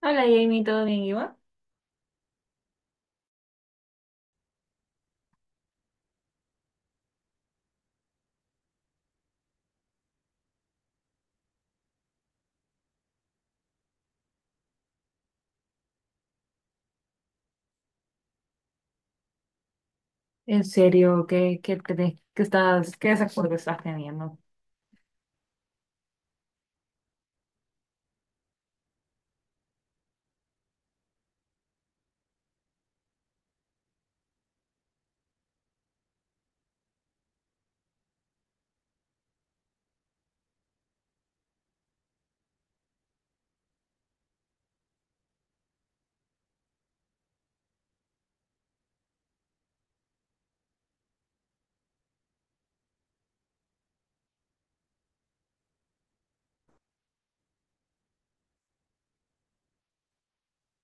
Hola Jamie, ¿todo bien, Iván? En serio, crees qué estás, qué desacuerdo estás teniendo?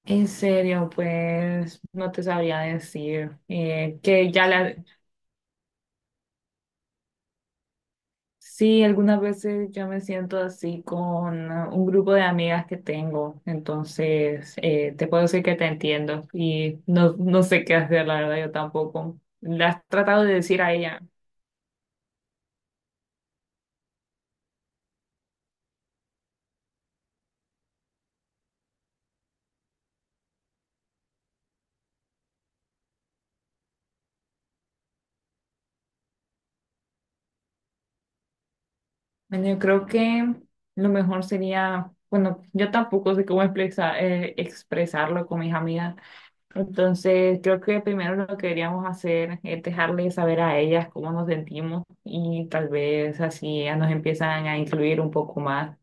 En serio, pues no te sabría decir que ya la, sí, algunas veces yo me siento así con un grupo de amigas que tengo, entonces te puedo decir que te entiendo y no, no sé qué hacer, la verdad, yo tampoco. ¿Le has tratado de decir a ella? Bueno, yo creo que lo mejor sería, bueno, yo tampoco sé cómo expresarlo con mis amigas, entonces creo que primero lo que deberíamos hacer es dejarles saber a ellas cómo nos sentimos y tal vez así ellas nos empiezan a incluir un poco más.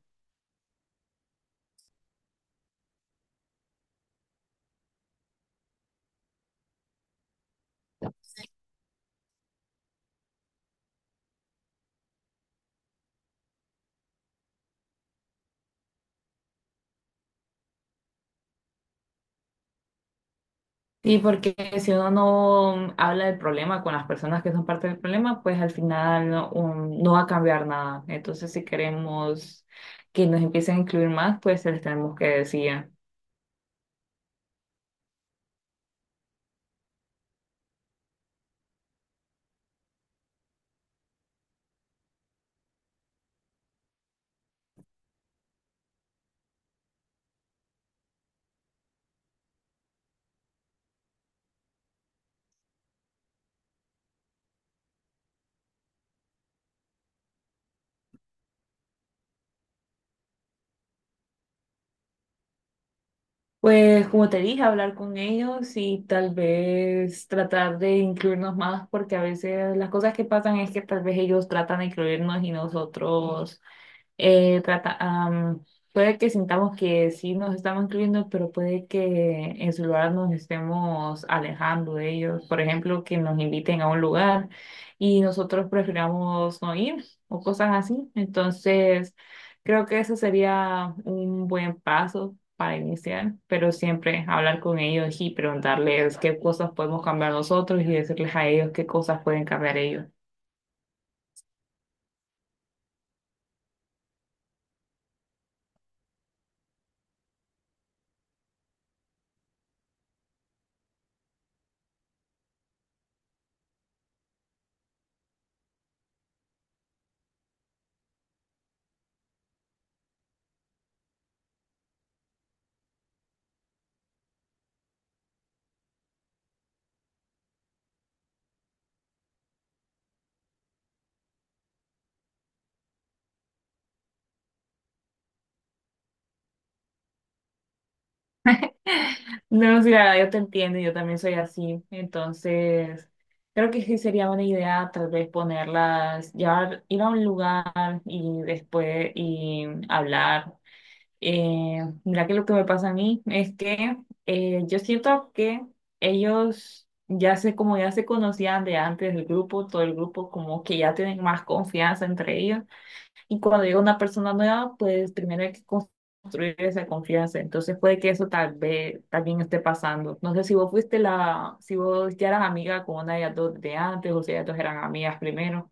Sí, porque si uno no habla del problema con las personas que son parte del problema, pues al final no, no va a cambiar nada. Entonces, si queremos que nos empiecen a incluir más, pues se les tenemos que decir. Pues como te dije, hablar con ellos y tal vez tratar de incluirnos más, porque a veces las cosas que pasan es que tal vez ellos tratan de incluirnos y nosotros eh, trata, am, puede que sintamos que sí nos estamos incluyendo, pero puede que en su lugar nos estemos alejando de ellos. Por ejemplo, que nos inviten a un lugar y nosotros prefiramos no ir o cosas así. Entonces, creo que eso sería un buen paso para iniciar, pero siempre hablar con ellos y preguntarles qué cosas podemos cambiar nosotros y decirles a ellos qué cosas pueden cambiar ellos. No, sí, la verdad, yo te entiendo, yo también soy así. Entonces, creo que sí sería buena idea tal vez ponerlas, llevar, ir a un lugar y después y hablar. Mira que lo que me pasa a mí es que yo siento que ellos ya sé, como ya se conocían de antes del grupo, todo el grupo como que ya tienen más confianza entre ellos. Y cuando llega una persona nueva, pues primero hay que construir esa confianza. Entonces puede que eso tal vez también esté pasando. No sé si vos fuiste la, si vos ya eras amiga con una de las dos de antes o si ellas dos eran amigas primero.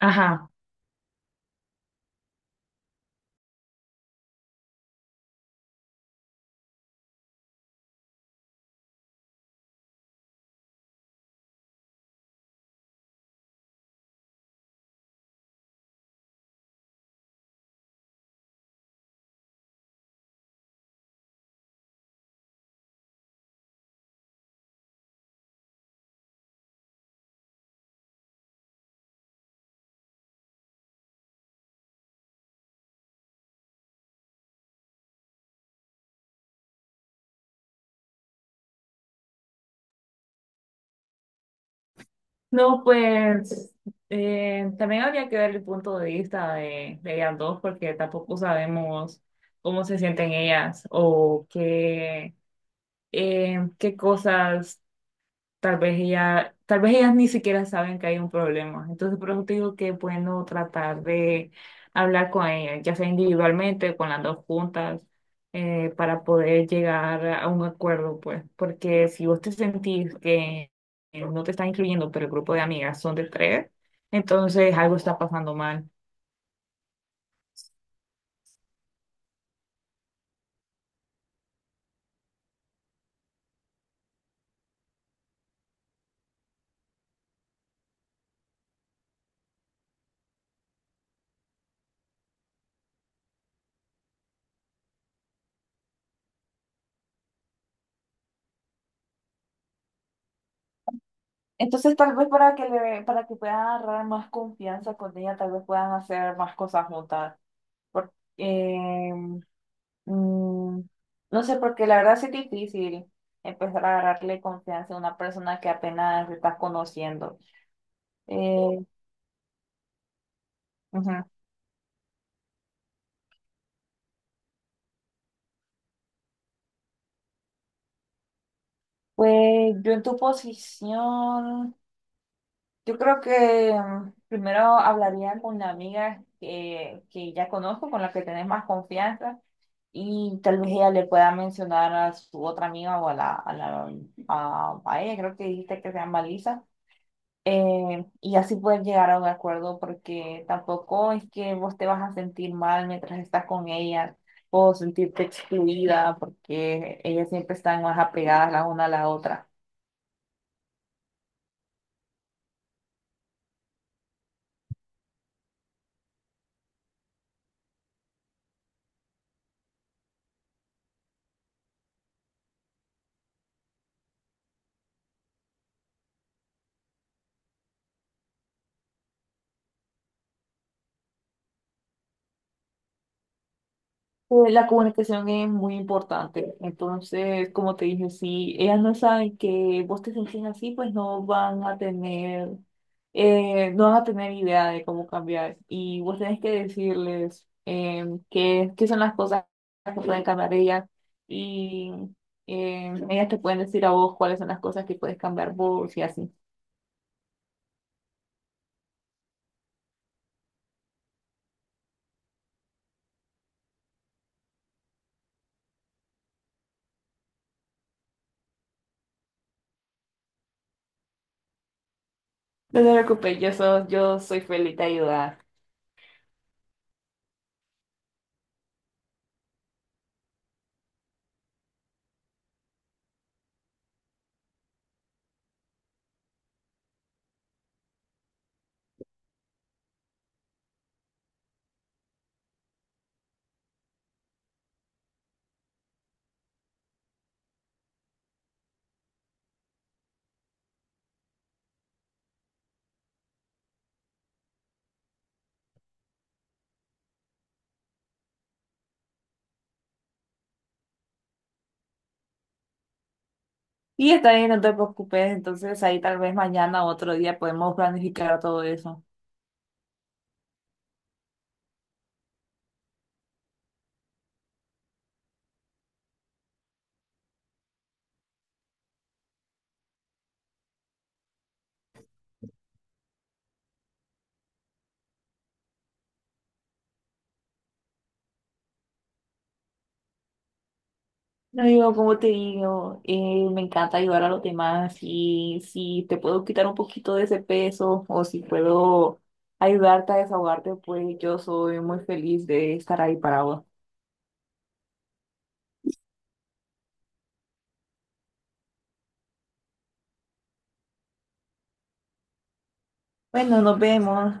Ajá. No, pues también habría que ver el punto de vista de ellas dos porque tampoco sabemos cómo se sienten ellas o qué, qué cosas tal vez ella, tal vez ellas ni siquiera saben que hay un problema. Entonces, por eso te digo que es bueno tratar de hablar con ellas, ya sea individualmente, con las dos juntas, para poder llegar a un acuerdo, pues, porque si vos te sentís que no te están incluyendo, pero el grupo de amigas son de tres, entonces algo está pasando mal. Entonces, tal vez para que le, para que puedan agarrar más confianza con ella, tal vez puedan hacer más cosas juntas. Porque, Mm, no sé, porque la verdad sí es difícil empezar a agarrarle confianza a una persona que apenas estás conociendo. Eh, ujú. Pues yo en tu posición, yo creo que primero hablaría con una amiga que ya conozco, con la que tenés más confianza, y tal vez ella le pueda mencionar a su otra amiga o a la, a la, a ella, creo que dijiste que se llama Lisa, y así poder llegar a un acuerdo, porque tampoco es que vos te vas a sentir mal mientras estás con ella o sentirte excluida, porque ellas siempre están más apegadas la una a la otra. La comunicación es muy importante. Entonces, como te dije, si ellas no saben que vos te sentís así, pues no van a tener, no van a tener idea de cómo cambiar. Y vos tenés que decirles qué, qué son las cosas que pueden cambiar ellas. Y ellas te pueden decir a vos cuáles son las cosas que puedes cambiar vos y así. No te preocupes, yo, yo soy feliz de ayudar. Y está bien, no te preocupes. Entonces ahí tal vez mañana o otro día podemos planificar todo eso. No, yo como te digo, me encanta ayudar a los demás y si te puedo quitar un poquito de ese peso o si puedo ayudarte a desahogarte, pues yo soy muy feliz de estar ahí para vos. Bueno, nos vemos.